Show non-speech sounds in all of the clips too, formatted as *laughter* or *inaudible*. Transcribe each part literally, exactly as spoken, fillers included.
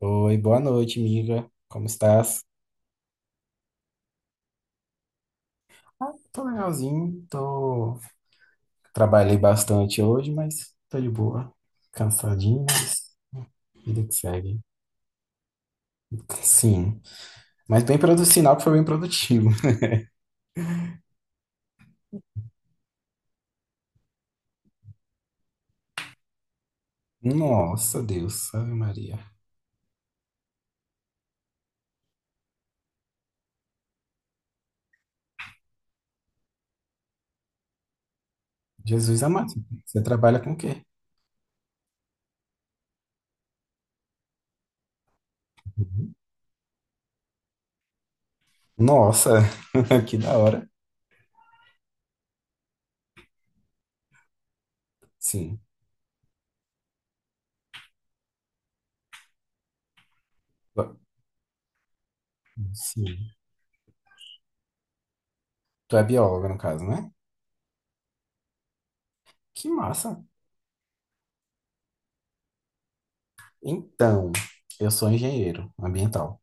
Oi, boa noite, amiga. Como estás? Ah, tô legalzinho, tô... trabalhei bastante hoje, mas tô de boa. Cansadinho, mas vida que segue. Sim, mas bem produtivo, sinal que foi bem produtivo. *laughs* Nossa, Deus, Ave Maria. Jesus amado, você trabalha com o quê? Nossa, *laughs* que da hora. Sim, sim. Tu é bióloga, no caso, né? Que massa. Então, eu sou engenheiro ambiental.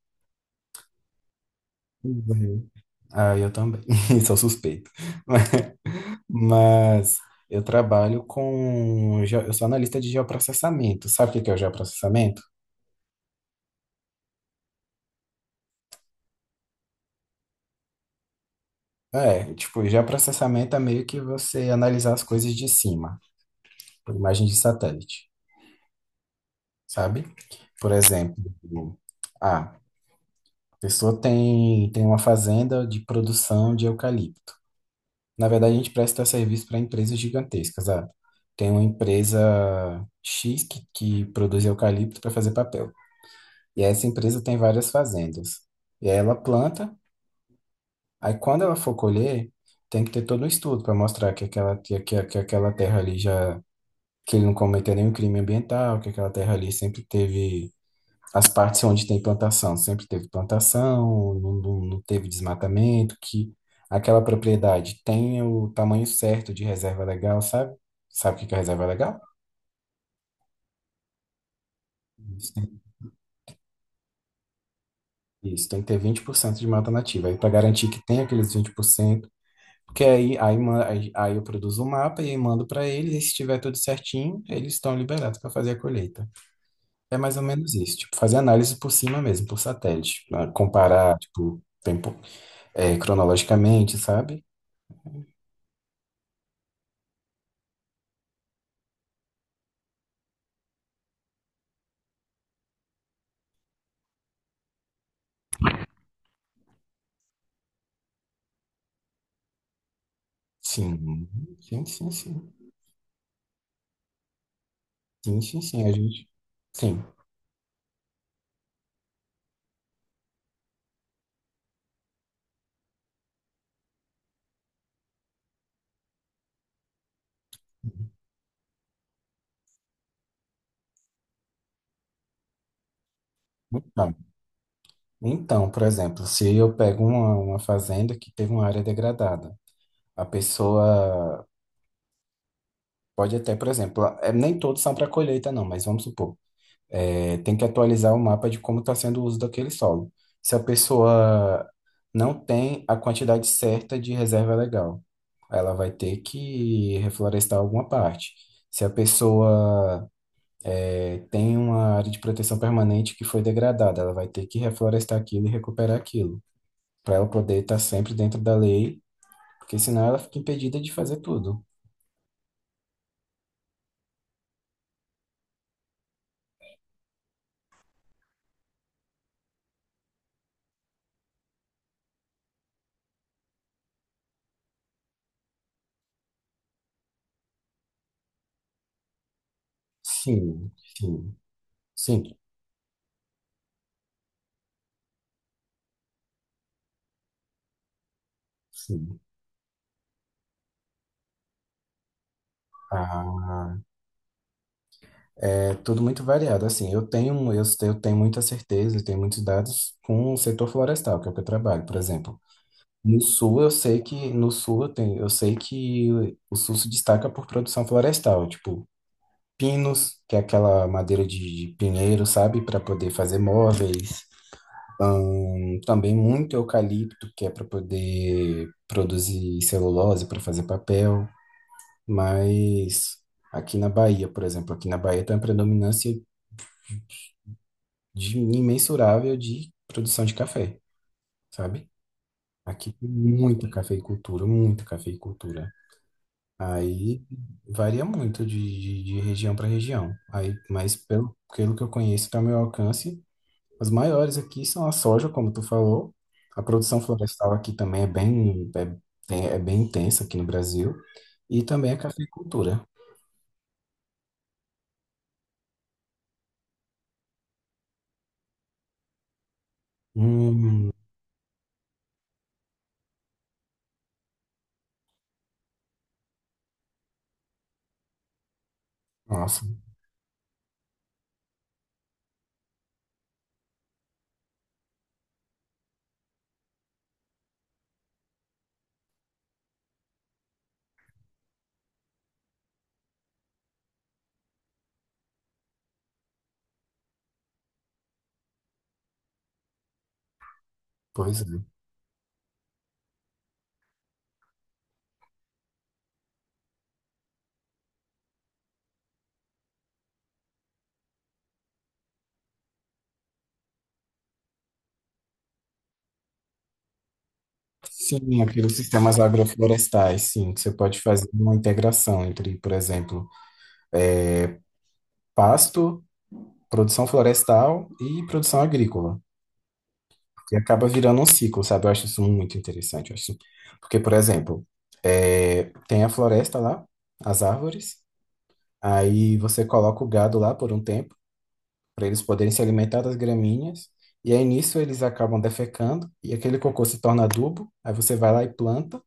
Uhum. Ah, eu também, *laughs* sou suspeito. *laughs* Mas eu trabalho com. geo- Eu sou analista de geoprocessamento. Sabe o que que é o geoprocessamento? É, tipo, geoprocessamento é meio que você analisar as coisas de cima, por imagem de satélite, sabe? Por exemplo, ah, a pessoa tem tem uma fazenda de produção de eucalipto. Na verdade, a gente presta serviço para empresas gigantescas. Ah, tem uma empresa X que, que produz eucalipto para fazer papel. E essa empresa tem várias fazendas. E aí ela planta, aí quando ela for colher, tem que ter todo um estudo para mostrar que aquela, que, que, que aquela terra ali já. Que ele não cometeu nenhum crime ambiental, que aquela terra ali sempre teve as partes onde tem plantação, sempre teve plantação, não, não- não teve desmatamento, que aquela propriedade tenha o tamanho certo de reserva legal, sabe? Sabe o que que é reserva legal? Isso, tem isso, tem que ter vinte por cento de mata nativa, aí para garantir que tem aqueles vinte por cento, porque aí, aí, ma- aí, aí eu produzo o mapa e aí mando para eles, e se estiver tudo certinho, eles estão liberados para fazer a colheita. É mais ou menos isso, tipo, fazer análise por cima mesmo, por satélite, pra comparar, tipo, tempo, eh, cronologicamente, sabe? Sim, sim, sim, sim. Sim, sim, sim, a gente. Sim. Então, então, por exemplo, se eu pego uma, uma fazenda que teve uma área degradada, a pessoa pode até, por exemplo, é, nem todos são para colheita, não, mas vamos supor, é, tem que atualizar o mapa de como está sendo o uso daquele solo. Se a pessoa não tem a quantidade certa de reserva legal, ela vai ter que reflorestar alguma parte. Se a pessoa É, tem uma área de proteção permanente que foi degradada, ela vai ter que reflorestar aquilo e recuperar aquilo, para ela poder estar sempre dentro da lei, porque senão ela fica impedida de fazer tudo. Sim, sim, sim, sim. Ah, é tudo muito variado. Assim, eu tenho, eu, eu tenho muita certeza, eu tenho muitos dados com o setor florestal, que é o que eu trabalho, por exemplo. No sul eu sei que No sul eu tenho, eu sei que o sul se destaca por produção florestal, tipo pinos, que é aquela madeira de, de pinheiro, sabe, para poder fazer móveis. E também muito eucalipto, que é para poder produzir celulose, para fazer papel. Mas aqui na Bahia, por exemplo, aqui na Bahia tem uma predominância de- imensurável de produção de café, sabe? Aqui tem muita cafeicultura, muita cafeicultura. Aí varia muito de, de, de região para região. Aí, mas pelo, pelo que eu conheço, está ao meu alcance, as maiores aqui são a soja, como tu falou. A produção florestal aqui também é bem, é, tem- é bem intensa aqui no Brasil. E também a cafeicultura. Hum, nossa, pois é. Sim, aqueles sistemas agroflorestais, sim, que você pode fazer uma integração entre, por exemplo, é, pasto, produção florestal e produção agrícola. E acaba virando um ciclo, sabe? Eu acho isso muito interessante, eu acho. Porque, por exemplo, é, tem a floresta lá, as árvores, aí você coloca o gado lá por um tempo, para eles poderem se alimentar das graminhas. E aí nisso eles acabam defecando e aquele cocô se torna adubo. Aí você vai lá e planta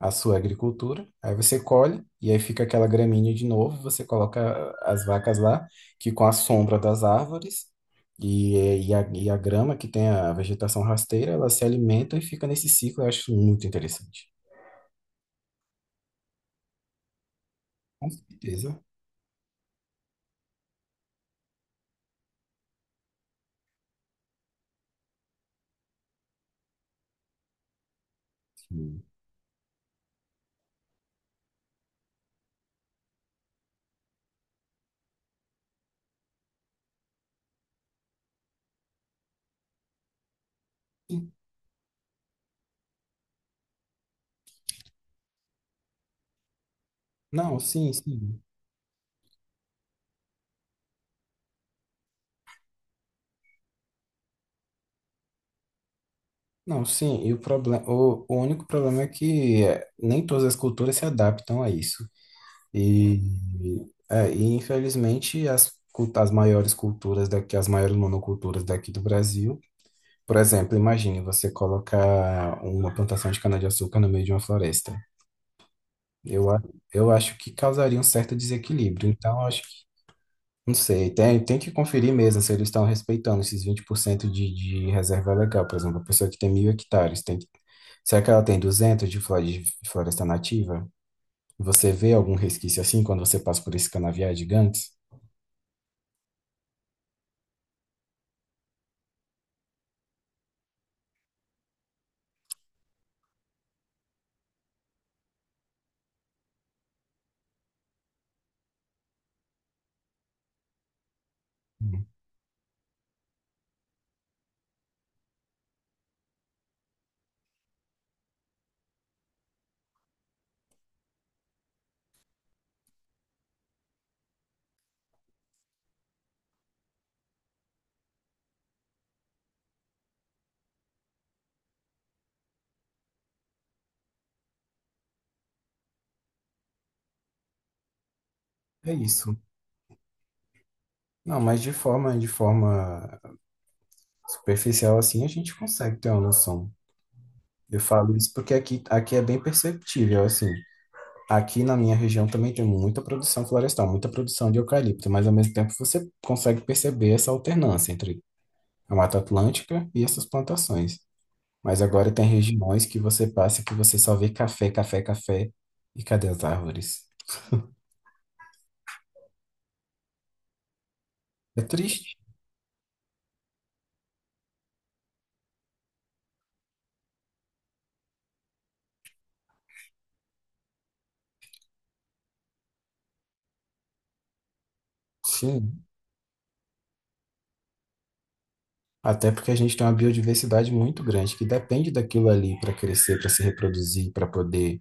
a sua agricultura. Aí você colhe e aí fica aquela graminha de novo. Você coloca as vacas lá, que com a sombra das árvores e, e, a, e a grama que tem a vegetação rasteira, elas se alimentam e fica nesse ciclo. Eu acho muito interessante. Com certeza. Sim. Não, sim, sim. Não, sim, e o problema, o, o único problema é que é, nem todas as culturas se adaptam a isso. E, é, e infelizmente, as, cul- as maiores culturas daqui, as maiores monoculturas daqui do Brasil, por exemplo, imagine você colocar uma plantação de cana-de-açúcar no meio de uma floresta. Eu, a- eu acho que causaria um certo desequilíbrio. Então, eu acho que, não sei, tem, tem que conferir mesmo se eles estão respeitando esses vinte por cento de, de reserva legal. Por exemplo, a pessoa que tem mil hectares tem. Será que ela tem duzentos de flor- de floresta nativa? Você vê algum resquício assim quando você passa por esses canaviais gigantes? Hum, É isso. Não, mas de forma, de forma superficial assim, a gente consegue ter uma noção. Eu falo isso porque aqui, aqui é bem perceptível, assim. Aqui na minha região também tem muita produção florestal, muita produção de eucalipto, mas ao mesmo tempo você consegue perceber essa alternância entre a Mata Atlântica e essas plantações. Mas agora tem regiões que você passa que você só vê café, café, café. E cadê as árvores? É triste, sim. Até porque a gente tem uma biodiversidade muito grande que depende daquilo ali para crescer, para se reproduzir, para poder,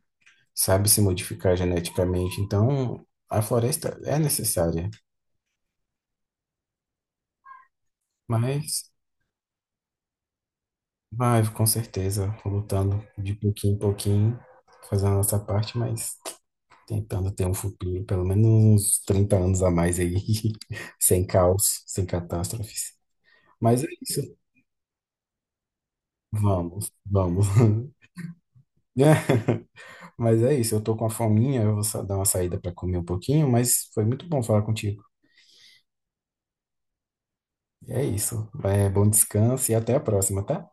sabe, se modificar geneticamente. Então, a floresta é necessária. Mas, vai, com certeza, lutando de pouquinho em pouquinho, fazendo a nossa parte, mas. Tentando ter um futuro, pelo menos uns trinta anos a mais aí, *laughs* sem caos, sem catástrofes. Mas é isso. Vamos, vamos. *laughs* *laughs* Mas é isso, eu tô com a fominha, eu vou sa- dar uma saída para comer um pouquinho, mas foi muito bom falar contigo. É isso. É, bom descanso e até a próxima, tá?